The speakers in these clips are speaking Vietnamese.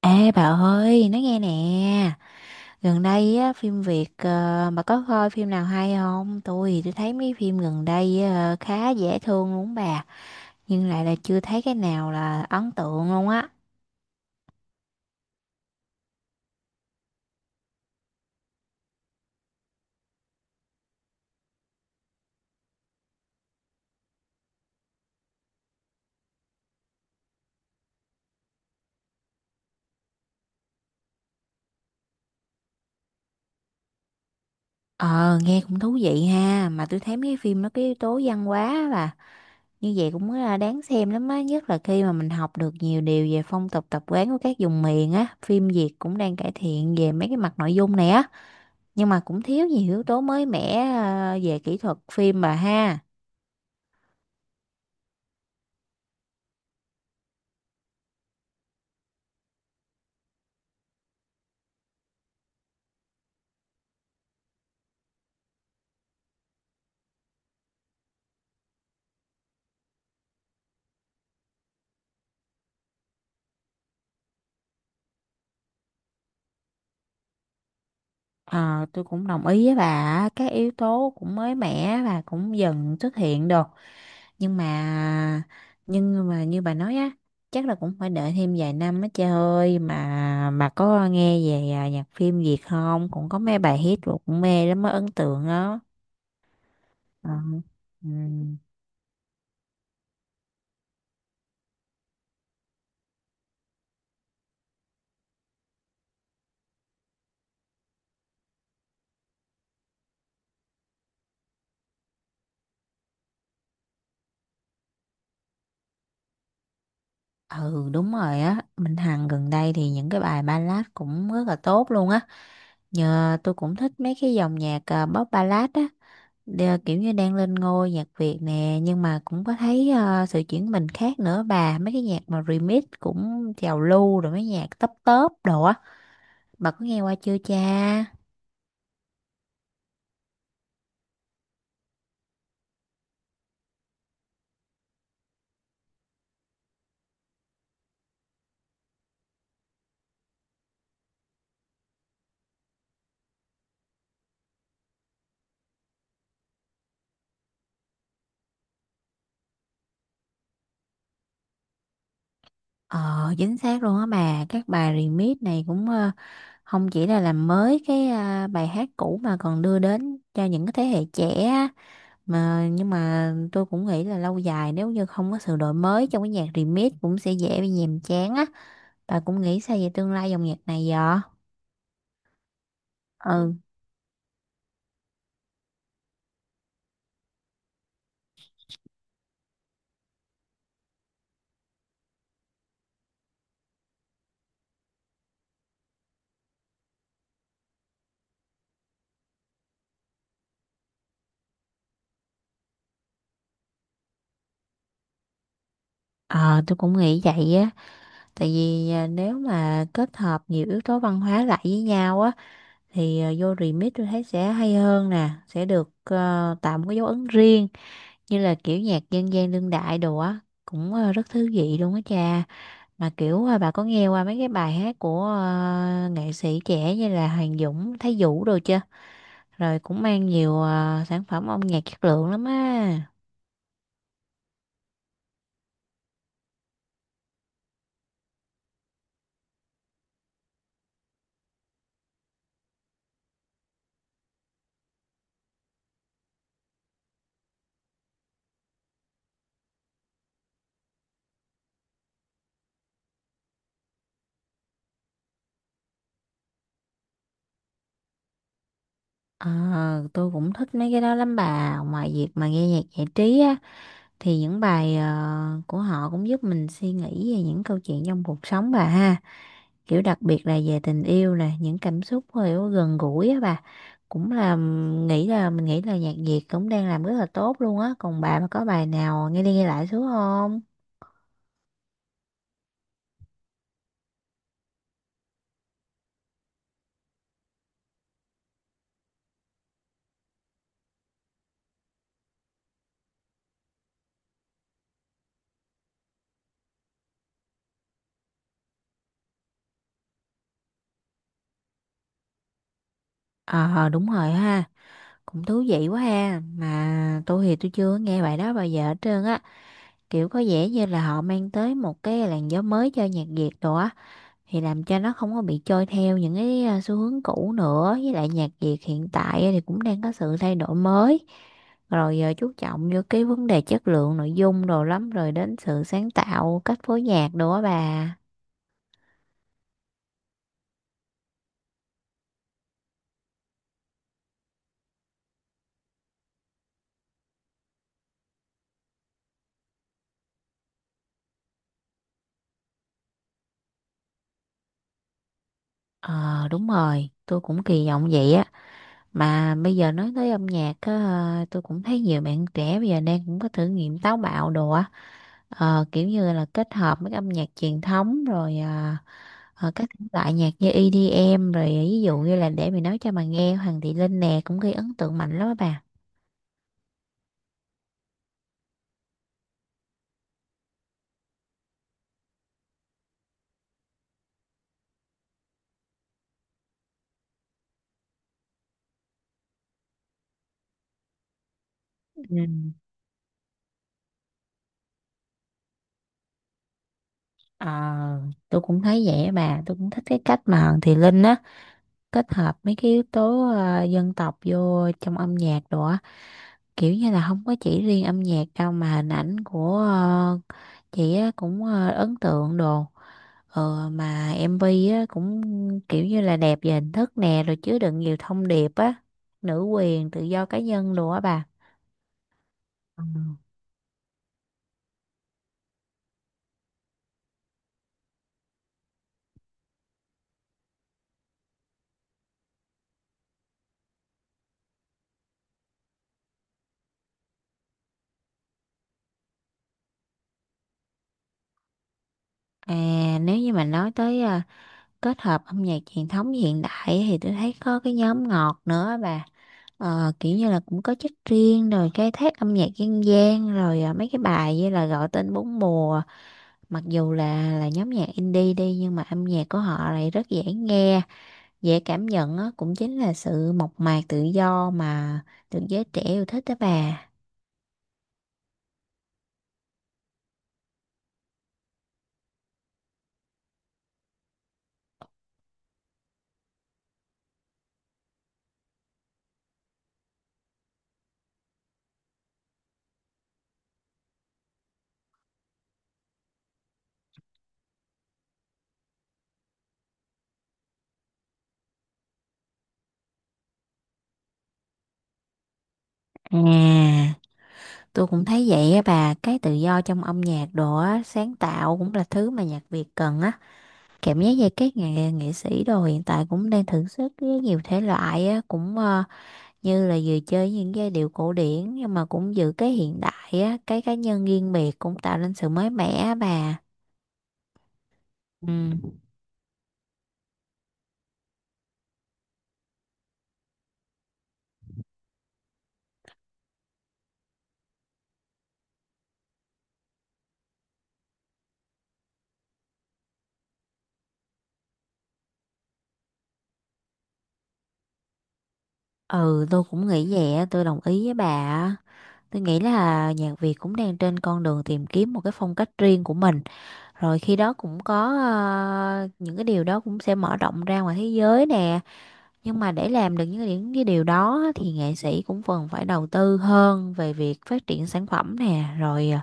Ê bà ơi, nói nghe nè, gần đây á, phim Việt bà có coi phim nào hay không? Tôi thấy mấy phim gần đây khá dễ thương luôn bà, nhưng lại là chưa thấy cái nào là ấn tượng luôn á. Ờ, nghe cũng thú vị ha, mà tôi thấy mấy phim nó cái yếu tố văn hóa á bà, như vậy cũng là đáng xem lắm á, nhất là khi mà mình học được nhiều điều về phong tục tập quán của các vùng miền á, phim Việt cũng đang cải thiện về mấy cái mặt nội dung này á. Nhưng mà cũng thiếu nhiều yếu tố mới mẻ về kỹ thuật phim bà ha. Ờ, tôi cũng đồng ý với bà á, các yếu tố cũng mới mẻ và cũng dần xuất hiện được, nhưng mà nhưng mà như bà nói á, chắc là cũng phải đợi thêm vài năm á. Trời ơi, mà bà có nghe về nhạc phim Việt không, cũng có mấy bài hit rồi cũng mê lắm, mới ấn tượng đó. Ờ, ừ. Ừ đúng rồi á, Minh Hằng gần đây thì những cái bài ballad cũng rất là tốt luôn á. Nhờ tôi cũng thích mấy cái dòng nhạc pop ballad á, kiểu như đang lên ngôi nhạc Việt nè, nhưng mà cũng có thấy sự chuyển mình khác nữa bà, mấy cái nhạc mà remix cũng trào lưu, rồi mấy nhạc tấp tớp đồ á, bà có nghe qua chưa cha? Ờ, chính xác luôn á bà, các bài remix này cũng không chỉ là làm mới cái bài hát cũ mà còn đưa đến cho những cái thế hệ trẻ, mà nhưng mà tôi cũng nghĩ là lâu dài nếu như không có sự đổi mới trong cái nhạc remix cũng sẽ dễ bị nhàm chán á. Bà cũng nghĩ sao về tương lai dòng nhạc này vậy? Ừ, ờ tôi cũng nghĩ vậy á, tại vì nếu mà kết hợp nhiều yếu tố văn hóa lại với nhau á, thì vô remix tôi thấy sẽ hay hơn nè, sẽ được tạo một cái dấu ấn riêng, như là kiểu nhạc dân gian đương đại đồ á, cũng rất thú vị luôn á cha. Mà kiểu bà có nghe qua mấy cái bài hát của nghệ sĩ trẻ như là Hoàng Dũng, Thái Vũ đồ chưa? Rồi cũng mang nhiều sản phẩm âm nhạc chất lượng lắm á. Ờ, tôi cũng thích mấy cái đó lắm bà. Ngoài việc mà nghe nhạc giải trí á, thì những bài của họ cũng giúp mình suy nghĩ về những câu chuyện trong cuộc sống bà ha. Kiểu đặc biệt là về tình yêu, là những cảm xúc kiểu gần gũi á bà, cũng là m- nghĩ là mình nghĩ là nhạc Việt cũng đang làm rất là tốt luôn á. Còn bà mà có bài nào nghe đi nghe lại xuống không? Ờ đúng rồi ha, cũng thú vị quá ha, mà tôi chưa nghe bài đó bao giờ hết trơn á. Kiểu có vẻ như là họ mang tới một cái làn gió mới cho nhạc Việt đồ á, thì làm cho nó không có bị trôi theo những cái xu hướng cũ nữa. Với lại nhạc Việt hiện tại thì cũng đang có sự thay đổi mới, rồi chú trọng vô cái vấn đề chất lượng nội dung đồ lắm, rồi đến sự sáng tạo cách phối nhạc đồ á bà. Ờ đúng rồi, tôi cũng kỳ vọng vậy á. Mà bây giờ nói tới âm nhạc á, tôi cũng thấy nhiều bạn trẻ bây giờ đang cũng có thử nghiệm táo bạo đồ á, kiểu như là kết hợp với âm nhạc truyền thống rồi các thể loại nhạc như EDM rồi ví dụ như là để mình nói cho bà nghe Hoàng Thị Linh nè, cũng gây ấn tượng mạnh lắm á bà. Ừ. Ờ, tôi cũng thấy vậy á bà, tôi cũng thích cái cách mà Hoàng Thị Linh á kết hợp mấy cái yếu tố dân tộc vô trong âm nhạc đồ á, kiểu như là không có chỉ riêng âm nhạc đâu mà hình ảnh của chị á cũng ấn tượng đồ. Ờ mà MV á cũng kiểu như là đẹp về hình thức nè, rồi chứa đựng nhiều thông điệp á, nữ quyền, tự do cá nhân đồ á bà. Ừ. À, nếu như mà nói tới kết hợp âm nhạc truyền thống với hiện đại ấy, thì tôi thấy có cái nhóm Ngọt nữa á bà. Ờ, kiểu như là cũng có chất riêng, rồi cái thác âm nhạc dân gian, rồi mấy cái bài như là Gọi Tên Bốn Mùa, mặc dù là nhóm nhạc indie đi nhưng mà âm nhạc của họ lại rất dễ nghe, dễ cảm nhận á, cũng chính là sự mộc mạc tự do mà được giới trẻ yêu thích đó bà. À tôi cũng thấy vậy á bà, cái tự do trong âm nhạc đồ á, sáng tạo cũng là thứ mà nhạc Việt cần á. Cảm giác như các nghệ nghệ sĩ đồ hiện tại cũng đang thử sức với nhiều thể loại á, cũng như là vừa chơi những giai điệu cổ điển nhưng mà cũng giữ cái hiện đại á, cái cá nhân riêng biệt cũng tạo nên sự mới mẻ á bà. Ừ, ừ tôi cũng nghĩ vậy á, tôi đồng ý với bà á. Tôi nghĩ là nhạc Việt cũng đang trên con đường tìm kiếm một cái phong cách riêng của mình. Rồi khi đó cũng có những cái điều đó cũng sẽ mở rộng ra ngoài thế giới nè. Nhưng mà để làm được những cái điều đó á, thì nghệ sĩ cũng cần phải đầu tư hơn về việc phát triển sản phẩm nè. Rồi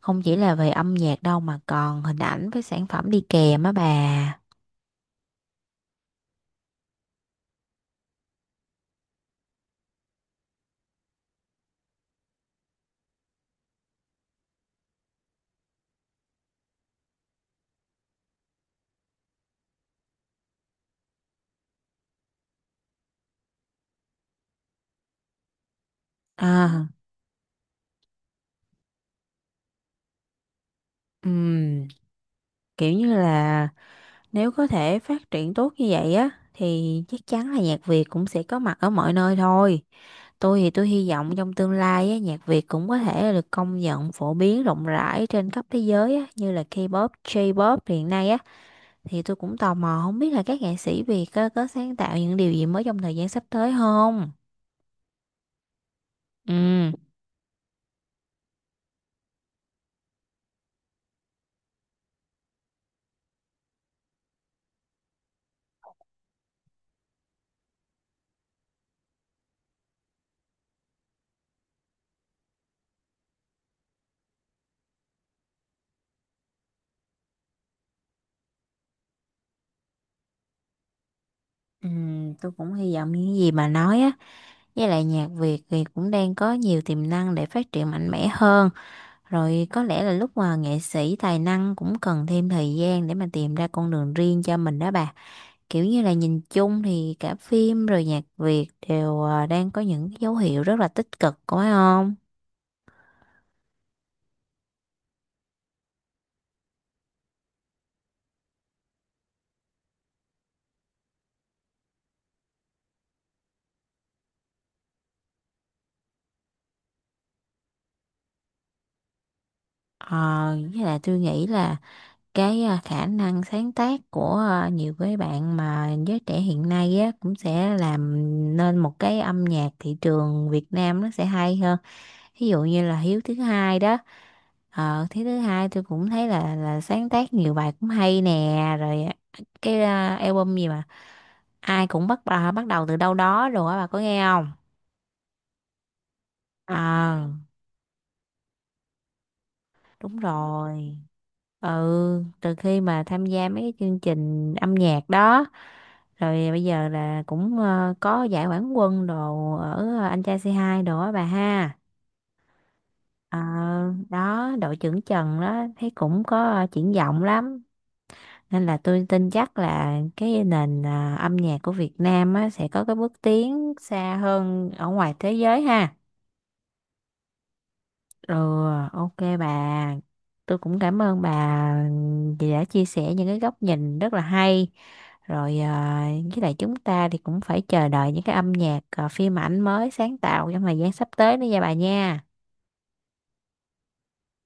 không chỉ là về âm nhạc đâu mà còn hình ảnh với sản phẩm đi kèm á bà. À, ừm, kiểu như là nếu có thể phát triển tốt như vậy á thì chắc chắn là nhạc Việt cũng sẽ có mặt ở mọi nơi thôi. Tôi hy vọng trong tương lai á, nhạc Việt cũng có thể là được công nhận phổ biến rộng rãi trên khắp thế giới á, như là K-pop, J-pop hiện nay á. Thì tôi cũng tò mò không biết là các nghệ sĩ Việt á, có sáng tạo những điều gì mới trong thời gian sắp tới không? Ừ, ừ, tôi cũng hy vọng những gì bà nói á, với lại nhạc Việt thì cũng đang có nhiều tiềm năng để phát triển mạnh mẽ hơn. Rồi có lẽ là lúc mà nghệ sĩ tài năng cũng cần thêm thời gian để mà tìm ra con đường riêng cho mình đó bà. Kiểu như là nhìn chung thì cả phim rồi nhạc Việt đều đang có những cái dấu hiệu rất là tích cực, có phải không? Ờ, với lại tôi nghĩ là cái khả năng sáng tác của nhiều cái bạn mà giới trẻ hiện nay á cũng sẽ làm nên một cái âm nhạc thị trường Việt Nam nó sẽ hay hơn. Ví dụ như là Hiếu Thứ Hai đó, ờ thế Thứ Hai tôi cũng thấy là sáng tác nhiều bài cũng hay nè, rồi cái album gì mà ai cũng bắt đầu từ đâu đó rồi á, bà có nghe không? Ờ đúng rồi, ừ, từ khi mà tham gia mấy cái chương trình âm nhạc đó, rồi bây giờ là cũng có giải quán quân đồ ở Anh Trai C2 đồ á bà ha. Ờ, đó đội trưởng Trần đó thấy cũng có triển vọng lắm, nên là tôi tin chắc là cái nền âm nhạc của Việt Nam á, sẽ có cái bước tiến xa hơn ở ngoài thế giới ha. Ừ, ok bà. Tôi cũng cảm ơn bà vì đã chia sẻ những cái góc nhìn rất là hay. Rồi à, với lại chúng ta thì cũng phải chờ đợi những cái âm nhạc phim ảnh mới sáng tạo trong thời gian sắp tới nữa nha bà nha.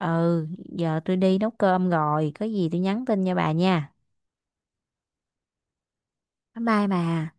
Ừ, giờ tôi đi nấu cơm rồi, có gì tôi nhắn tin cho bà nha. Bye bye bà.